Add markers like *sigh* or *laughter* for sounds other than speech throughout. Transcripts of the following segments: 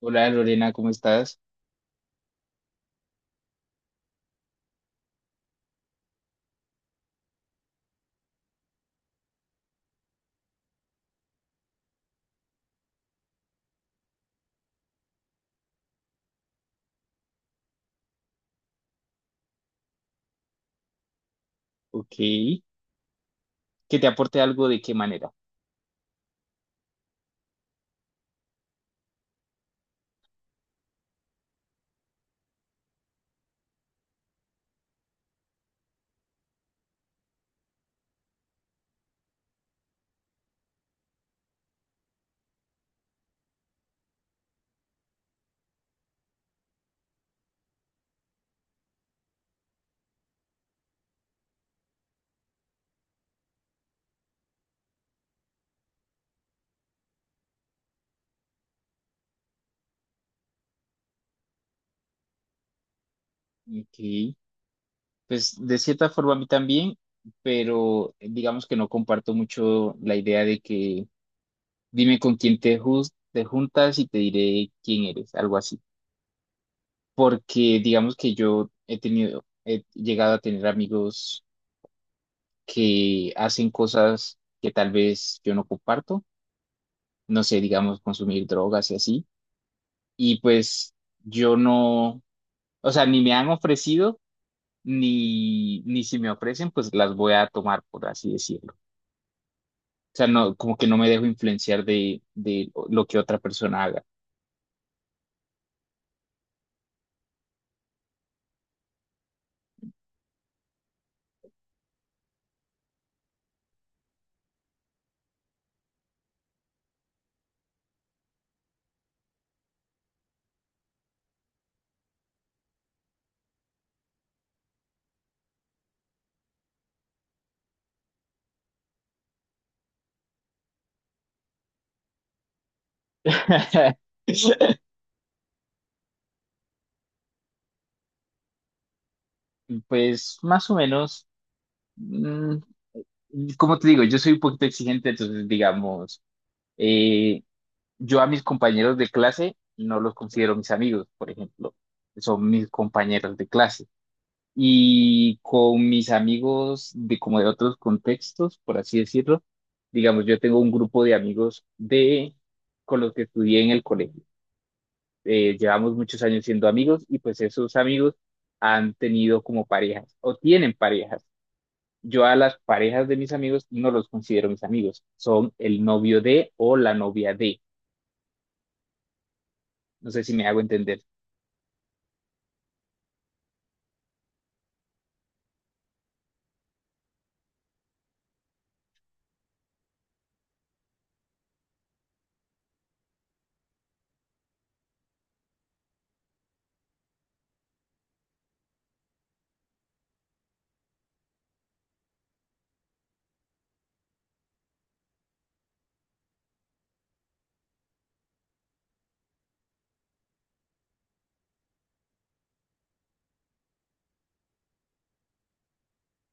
Hola Lorena, ¿cómo estás? Ok. ¿Que te aporte algo de qué manera? Ok. Pues de cierta forma a mí también, pero digamos que no comparto mucho la idea de que dime con quién te juntas y te diré quién eres, algo así. Porque digamos que he llegado a tener amigos que hacen cosas que tal vez yo no comparto, no sé, digamos consumir drogas y así. Y pues yo no, o sea, ni me han ofrecido ni si me ofrecen, pues las voy a tomar, por así decirlo. O sea, no, como que no me dejo influenciar de lo que otra persona haga. *laughs* Pues más o menos, mm, como te digo, yo soy un poquito exigente, entonces digamos, eh, yo a mis compañeros de clase no los considero mis amigos, por ejemplo, son mis compañeros de clase. Y con mis amigos de como de otros contextos, por así decirlo, digamos, yo tengo un grupo de amigos de con los que estudié en el colegio. Llevamos muchos años siendo amigos y pues esos amigos han tenido como parejas o tienen parejas. Yo a las parejas de mis amigos no los considero mis amigos, son el novio de o la novia de. No sé si me hago entender.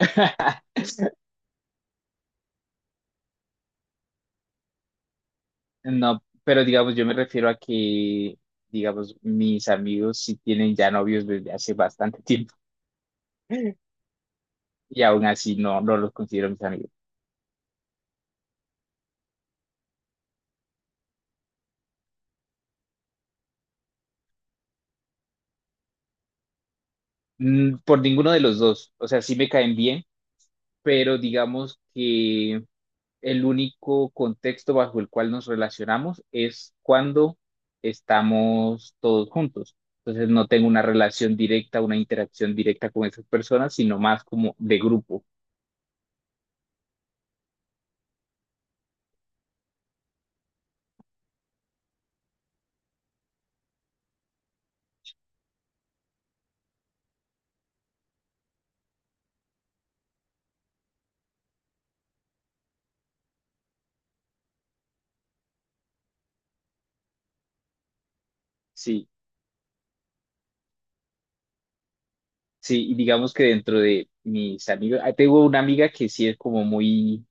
*laughs* No, pero digamos, yo me refiero a que, digamos, mis amigos sí tienen ya novios desde hace bastante tiempo *laughs* y aún así no, no los considero mis amigos. Mm, por ninguno de los dos, o sea, sí me caen bien, pero digamos que el único contexto bajo el cual nos relacionamos es cuando estamos todos juntos. Entonces no tengo una relación directa, una interacción directa con esas personas, sino más como de grupo. Sí. Sí, y digamos que dentro de mis amigos, ah, tengo una amiga que sí es como muy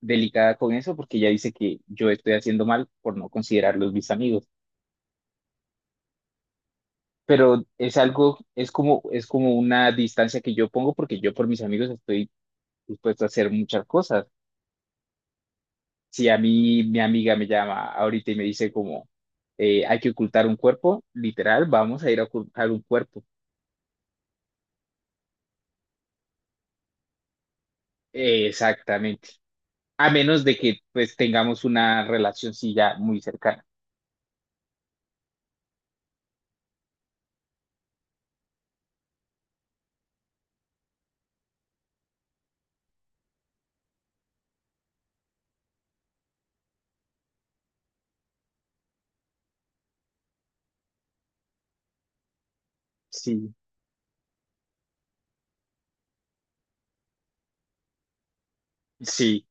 delicada con eso porque ella dice que yo estoy haciendo mal por no considerarlos mis amigos, pero es algo, es como una distancia que yo pongo porque yo por mis amigos estoy dispuesto a hacer muchas cosas. Si a mí mi amiga me llama ahorita y me dice como hay que ocultar un cuerpo, literal, vamos a ir a ocultar un cuerpo. Exactamente. A menos de que pues tengamos una relación sí ya muy cercana. Sí. Sí,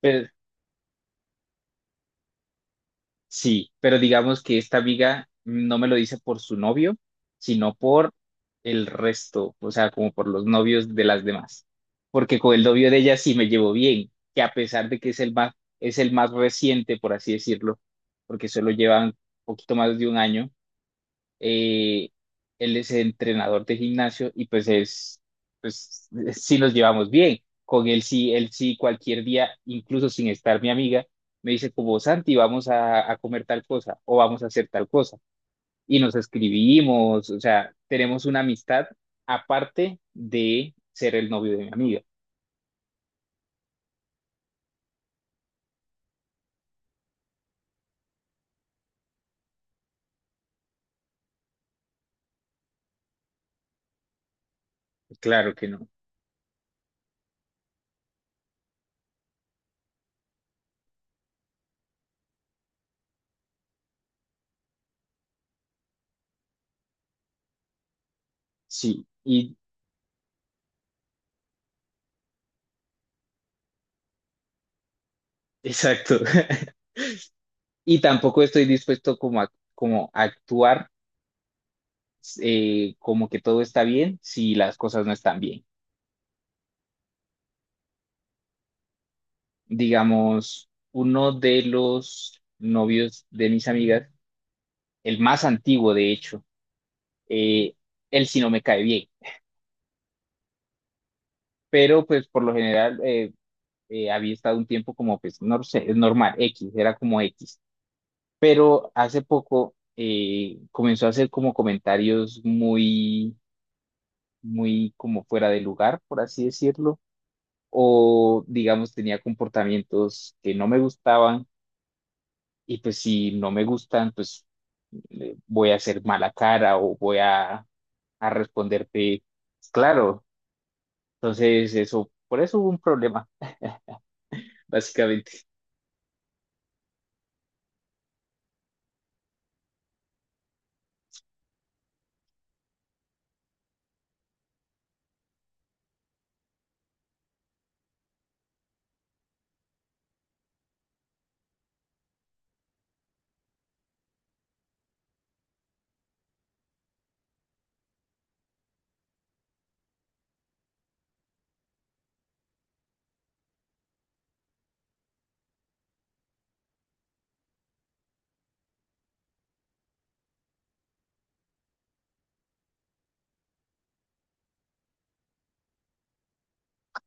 pero, sí, pero digamos que esta amiga no me lo dice por su novio, sino por el resto, o sea, como por los novios de las demás. Porque con el novio de ella sí me llevo bien, que a pesar de que es el más reciente, por así decirlo, porque solo llevan poquito más de un año. eh, Él es el entrenador de gimnasio y pues es, pues, sí nos llevamos bien. Con él sí cualquier día, incluso sin estar mi amiga, me dice como Santi, a comer tal cosa o vamos a hacer tal cosa. Y nos escribimos, o sea, tenemos una amistad aparte de ser el novio de mi amiga. Claro que no. Sí, y exacto. *laughs* Y tampoco estoy dispuesto como como a actuar como que todo está bien si las cosas no están bien. Digamos, uno de los novios de mis amigas, el más antiguo de hecho, eh, él sí no me cae bien, pero pues por lo general había estado un tiempo como pues no sé, es normal, X, era como X, pero hace poco comenzó a hacer como comentarios muy, muy como fuera de lugar, por así decirlo. O digamos tenía comportamientos que no me gustaban. Y pues si no me gustan, pues voy a hacer mala cara o a responderte, pues, claro. Entonces, eso, por eso hubo un problema, *laughs* básicamente.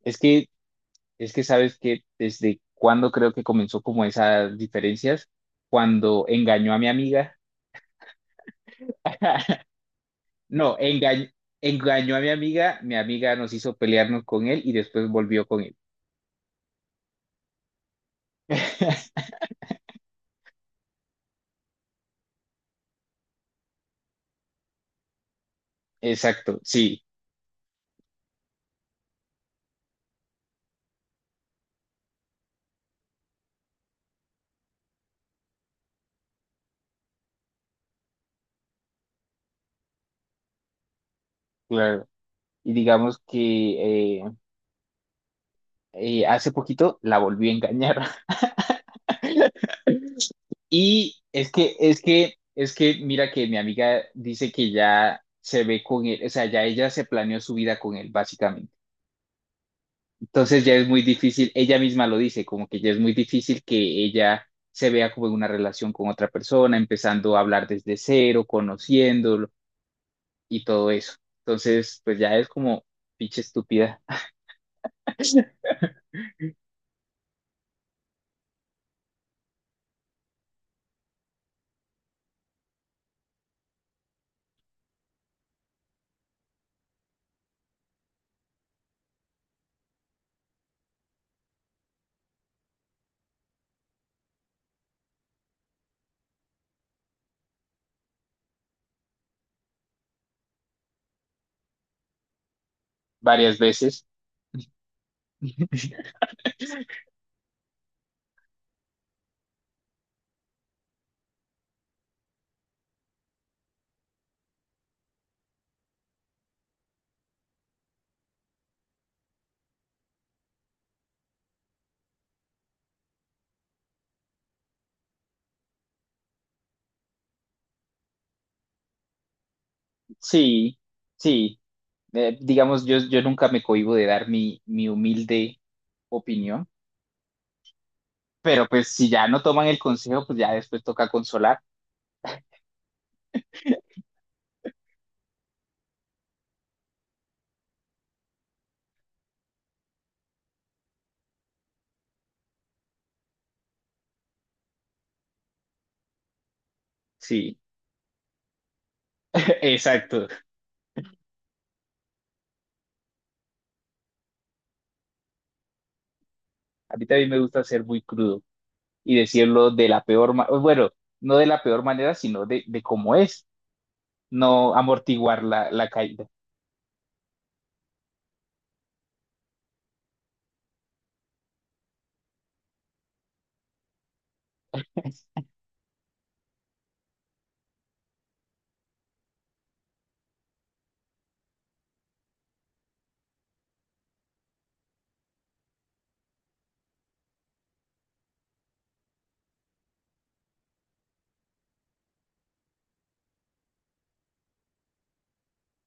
Es que, es que sabes que desde cuando creo que comenzó como esas diferencias, cuando engañó a mi amiga. *laughs* No, engañó a mi amiga nos hizo pelearnos con él y después volvió con él. *laughs* Exacto, sí, claro. Y digamos que hace poquito la volví a engañar. *laughs* Y es que, mira que mi amiga dice que ya se ve con él, o sea, ya ella se planeó su vida con él, básicamente. Entonces ya es muy difícil, ella misma lo dice, como que ya es muy difícil que ella se vea como en una relación con otra persona, empezando a hablar desde cero, conociéndolo y todo eso. Entonces, pues ya es como pinche estúpida *laughs* varias veces. *laughs* Sí, sí. Digamos, yo nunca me cohíbo de dar mi humilde opinión, pero pues si ya no toman el consejo, pues ya después toca consolar. Sí, *laughs* exacto. A mí también me gusta ser muy crudo y decirlo de la peor manera, bueno, no de la peor manera, sino de cómo es, no amortiguar la caída. *laughs*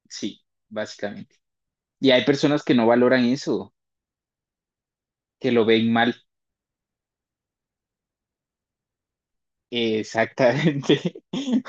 Sí, básicamente. Y hay personas que no valoran eso, que lo ven mal. Exactamente. *laughs*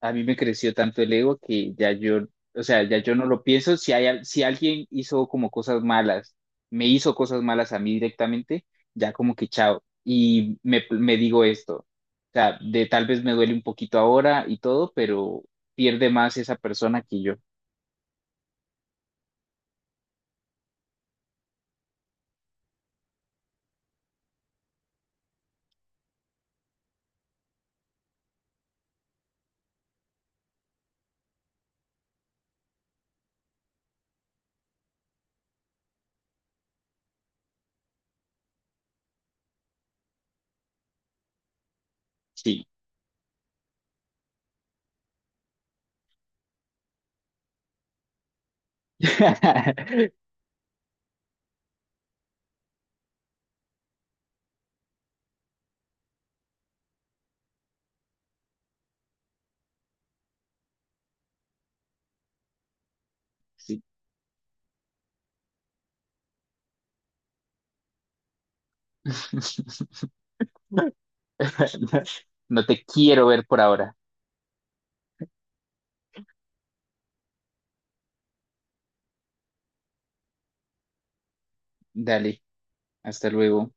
A mí me creció tanto el ego que ya yo, o sea, ya yo no lo pienso. Si hay, al- si alguien hizo como cosas malas, me hizo cosas malas a mí directamente, ya como que chao. Y me digo esto, o sea, de tal vez me duele un poquito ahora y todo, pero pierde más esa persona que yo. Sí. *laughs* Sí. *laughs* No te quiero ver por ahora. Dale, hasta luego.